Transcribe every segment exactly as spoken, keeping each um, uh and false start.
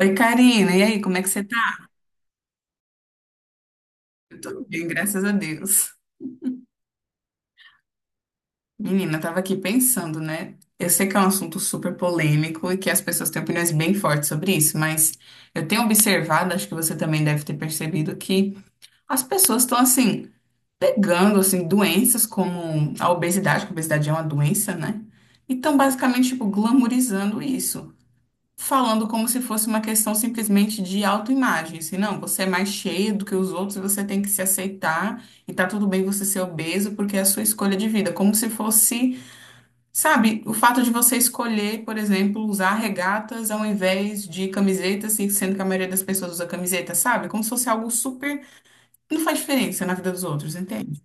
Oi, Karina, e aí, como é que você tá? Eu tô bem, graças a Deus. Menina, eu tava aqui pensando, né? Eu sei que é um assunto super polêmico e que as pessoas têm opiniões bem fortes sobre isso, mas eu tenho observado, acho que você também deve ter percebido, que as pessoas estão, assim, pegando, assim, doenças como a obesidade, que a obesidade é uma doença, né? E estão basicamente, tipo, glamorizando isso. Falando como se fosse uma questão simplesmente de autoimagem, assim, não, você é mais cheio do que os outros e você tem que se aceitar e tá tudo bem você ser obeso porque é a sua escolha de vida, como se fosse, sabe, o fato de você escolher, por exemplo, usar regatas ao invés de camisetas, assim, sendo que a maioria das pessoas usa camiseta, sabe? Como se fosse algo super, não faz diferença na vida dos outros, entende?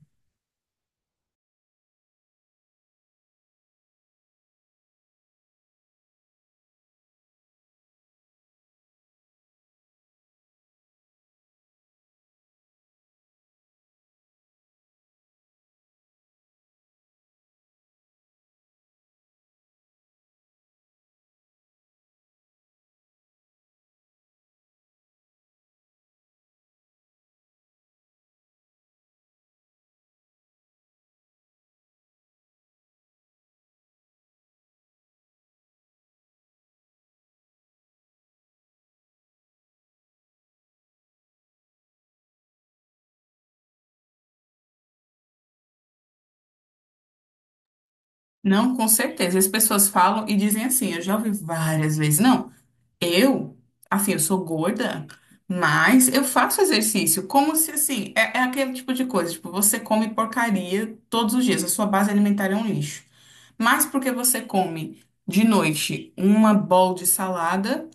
Não, com certeza. As pessoas falam e dizem assim, eu já ouvi várias vezes, não. Eu, assim, eu sou gorda, mas eu faço exercício, como se, assim, é, é aquele tipo de coisa, tipo, você come porcaria todos os dias, a sua base alimentar é um lixo. Mas porque você come de noite uma bowl de salada,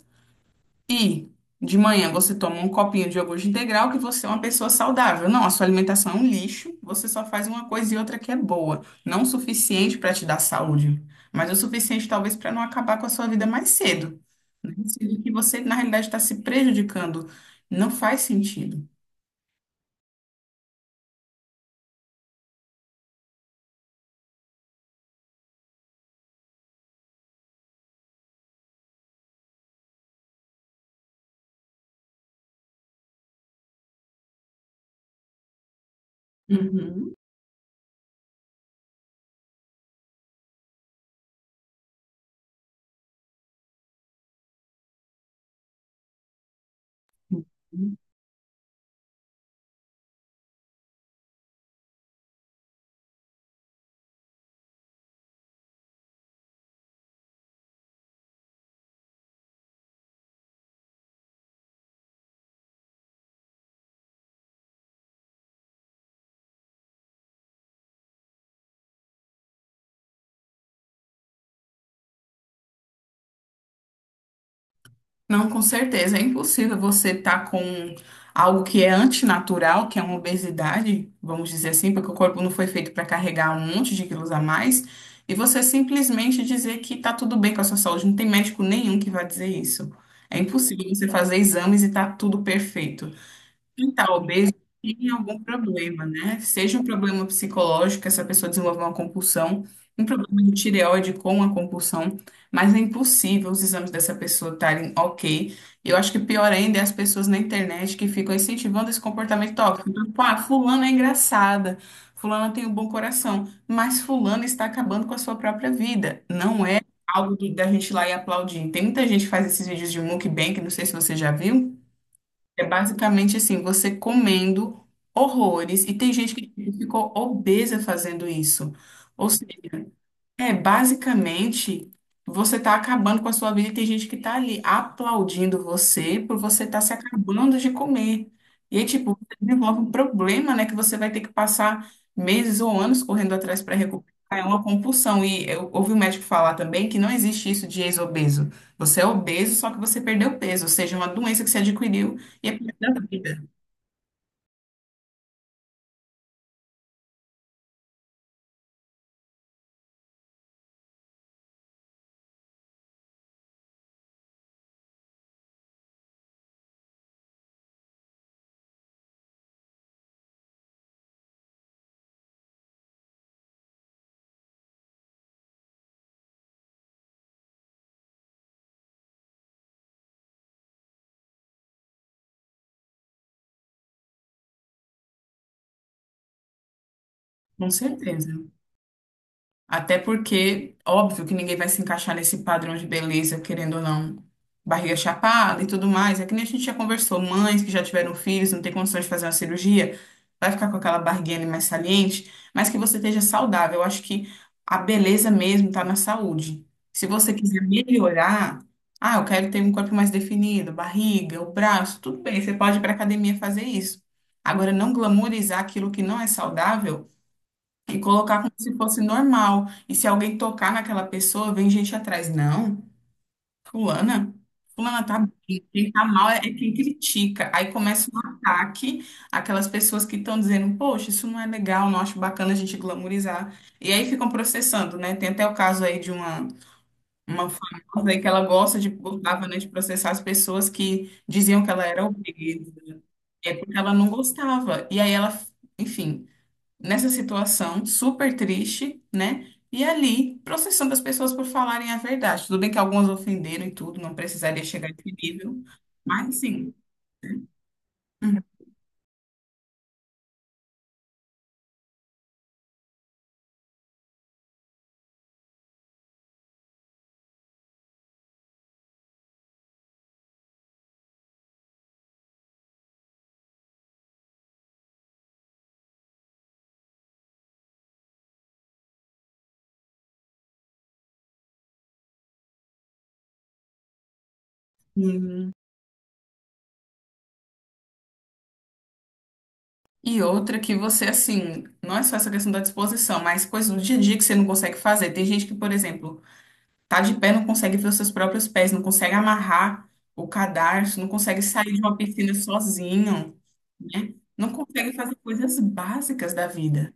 e de manhã você toma um copinho de iogurte integral que você é uma pessoa saudável. Não, a sua alimentação é um lixo, você só faz uma coisa e outra que é boa. Não o suficiente para te dar saúde, mas o suficiente talvez para não acabar com a sua vida mais cedo. Né? Sendo que você, na realidade, está se prejudicando. Não faz sentido. Uhum. Não, com certeza. É impossível você estar com algo que é antinatural, que é uma obesidade, vamos dizer assim, porque o corpo não foi feito para carregar um monte de quilos a mais, e você simplesmente dizer que está tudo bem com a sua saúde. Não tem médico nenhum que vai dizer isso. É impossível você fazer exames e tá tudo perfeito. Então, obeso tem algum problema, né? Seja um problema psicológico, essa pessoa desenvolve uma compulsão, um problema de tireoide com a compulsão, mas é impossível os exames dessa pessoa estarem ok. Eu acho que pior ainda é as pessoas na internet que ficam incentivando esse comportamento tóxico. Então, tipo, ah, fulana é engraçada, fulana tem um bom coração, mas fulana está acabando com a sua própria vida. Não é algo do- da gente ir lá e aplaudir. Tem muita gente que faz esses vídeos de mukbang, não sei se você já viu, é basicamente assim, você comendo horrores, e tem gente que ficou obesa fazendo isso. Ou seja, é, basicamente, você está acabando com a sua vida e tem gente que está ali aplaudindo você por você estar se acabando de comer. E aí, tipo, você desenvolve um problema, né, que você vai ter que passar meses ou anos correndo atrás para recuperar. É uma compulsão. E eu ouvi um médico falar também que não existe isso de ex-obeso. Você é obeso, só que você perdeu peso, ou seja, uma doença que você adquiriu e é parte da vida. Com certeza. Até porque, óbvio que ninguém vai se encaixar nesse padrão de beleza, querendo ou não, barriga chapada e tudo mais. É que nem a gente já conversou, mães que já tiveram filhos, não tem condições de fazer uma cirurgia, vai ficar com aquela barriguinha ali mais saliente, mas que você esteja saudável. Eu acho que a beleza mesmo está na saúde. Se você quiser melhorar, ah, eu quero ter um corpo mais definido, barriga, o braço, tudo bem, você pode ir para academia fazer isso. Agora, não glamourizar aquilo que não é saudável e colocar como se fosse normal. E se alguém tocar naquela pessoa, vem gente atrás. Não, fulana, fulana tá bem. Quem tá mal é, é quem critica. Aí começa um ataque àquelas pessoas que estão dizendo, poxa, isso não é legal, não acho bacana a gente glamourizar. E aí ficam processando, né? Tem até o caso aí de uma, uma famosa aí que ela gosta de, gostava, né, de processar as pessoas que diziam que ela era obesa. É porque ela não gostava. E aí ela, enfim, nessa situação super triste, né? E ali, processando as pessoas por falarem a verdade. Tudo bem que algumas ofenderam e tudo, não precisaria chegar a esse nível, mas sim. Uhum. E outra que você, assim, não é só essa questão da disposição, mas coisas do dia a dia que você não consegue fazer. Tem gente que, por exemplo, tá de pé, não consegue ver os seus próprios pés, não consegue amarrar o cadarço, não consegue sair de uma piscina sozinho, né? Não consegue fazer coisas básicas da vida.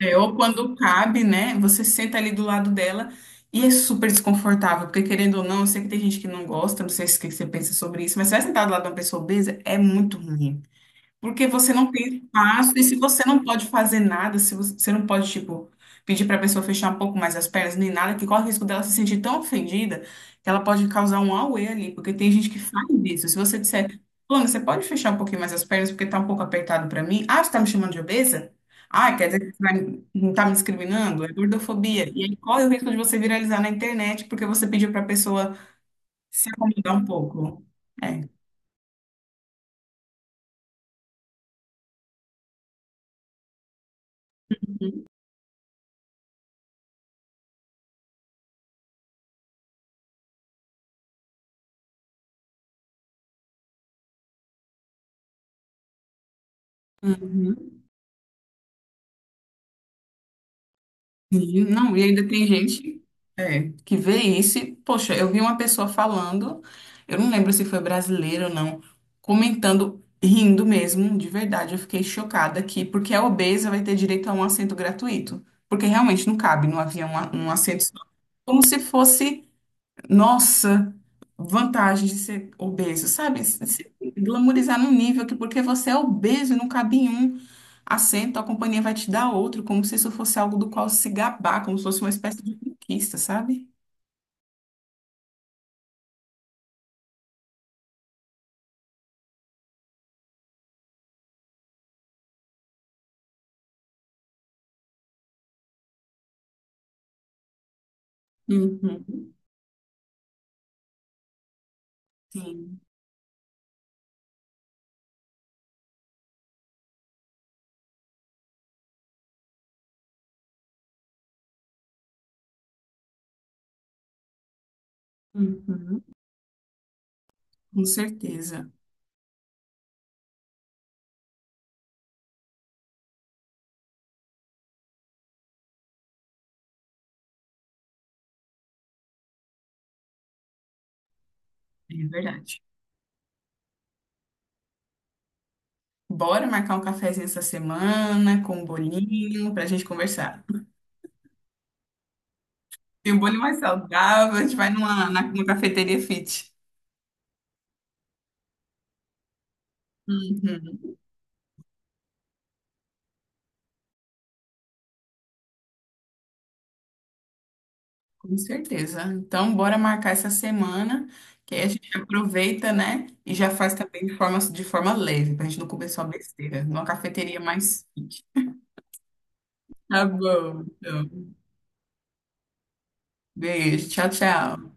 É, ou quando cabe, né? Você senta ali do lado dela e é super desconfortável, porque querendo ou não, eu sei que tem gente que não gosta, não sei se o que que você pensa sobre isso, mas você vai sentar do lado de uma pessoa obesa, é muito ruim. Porque você não tem espaço, e se você não pode fazer nada, se você você não pode, tipo, pedir para a pessoa fechar um pouco mais as pernas, nem nada, que corre o risco dela se sentir tão ofendida que ela pode causar um auê ali, porque tem gente que faz isso. Se você disser, fulano, você pode fechar um pouquinho mais as pernas porque tá um pouco apertado para mim? Ah, você tá me chamando de obesa? Ah, quer dizer que você vai- não tá me discriminando? É gordofobia. E aí corre o risco de você viralizar na internet porque você pediu para a pessoa se acomodar um pouco. É. Uhum. Sim. Não, e ainda tem gente é, que vê isso e, poxa, eu vi uma pessoa falando, eu não lembro se foi brasileiro ou não, comentando, rindo mesmo, de verdade, eu fiquei chocada aqui, porque a obesa vai ter direito a um assento gratuito, porque realmente não cabe no avião um a- um assento só, como se fosse nossa, vantagem de ser obeso, sabe? Se se glamorizar num nível que porque você é obeso e não cabe em um assento, a companhia vai te dar outro, como se isso fosse algo do qual se gabar, como se fosse uma espécie de conquista, sabe? Uhum. Sim. Uhum. Com certeza. É verdade. Bora marcar um cafezinho essa semana com um bolinho pra gente conversar. Tem um bolinho mais saudável, a gente vai numa, na- numa cafeteria fit. Uhum. Com certeza. Então, bora marcar essa semana, que aí a gente aproveita, né? E já faz também de forma, de forma leve, pra gente não comer só besteira, numa cafeteria mais fit. Tá bom, então. Beijo, tchau, tchau.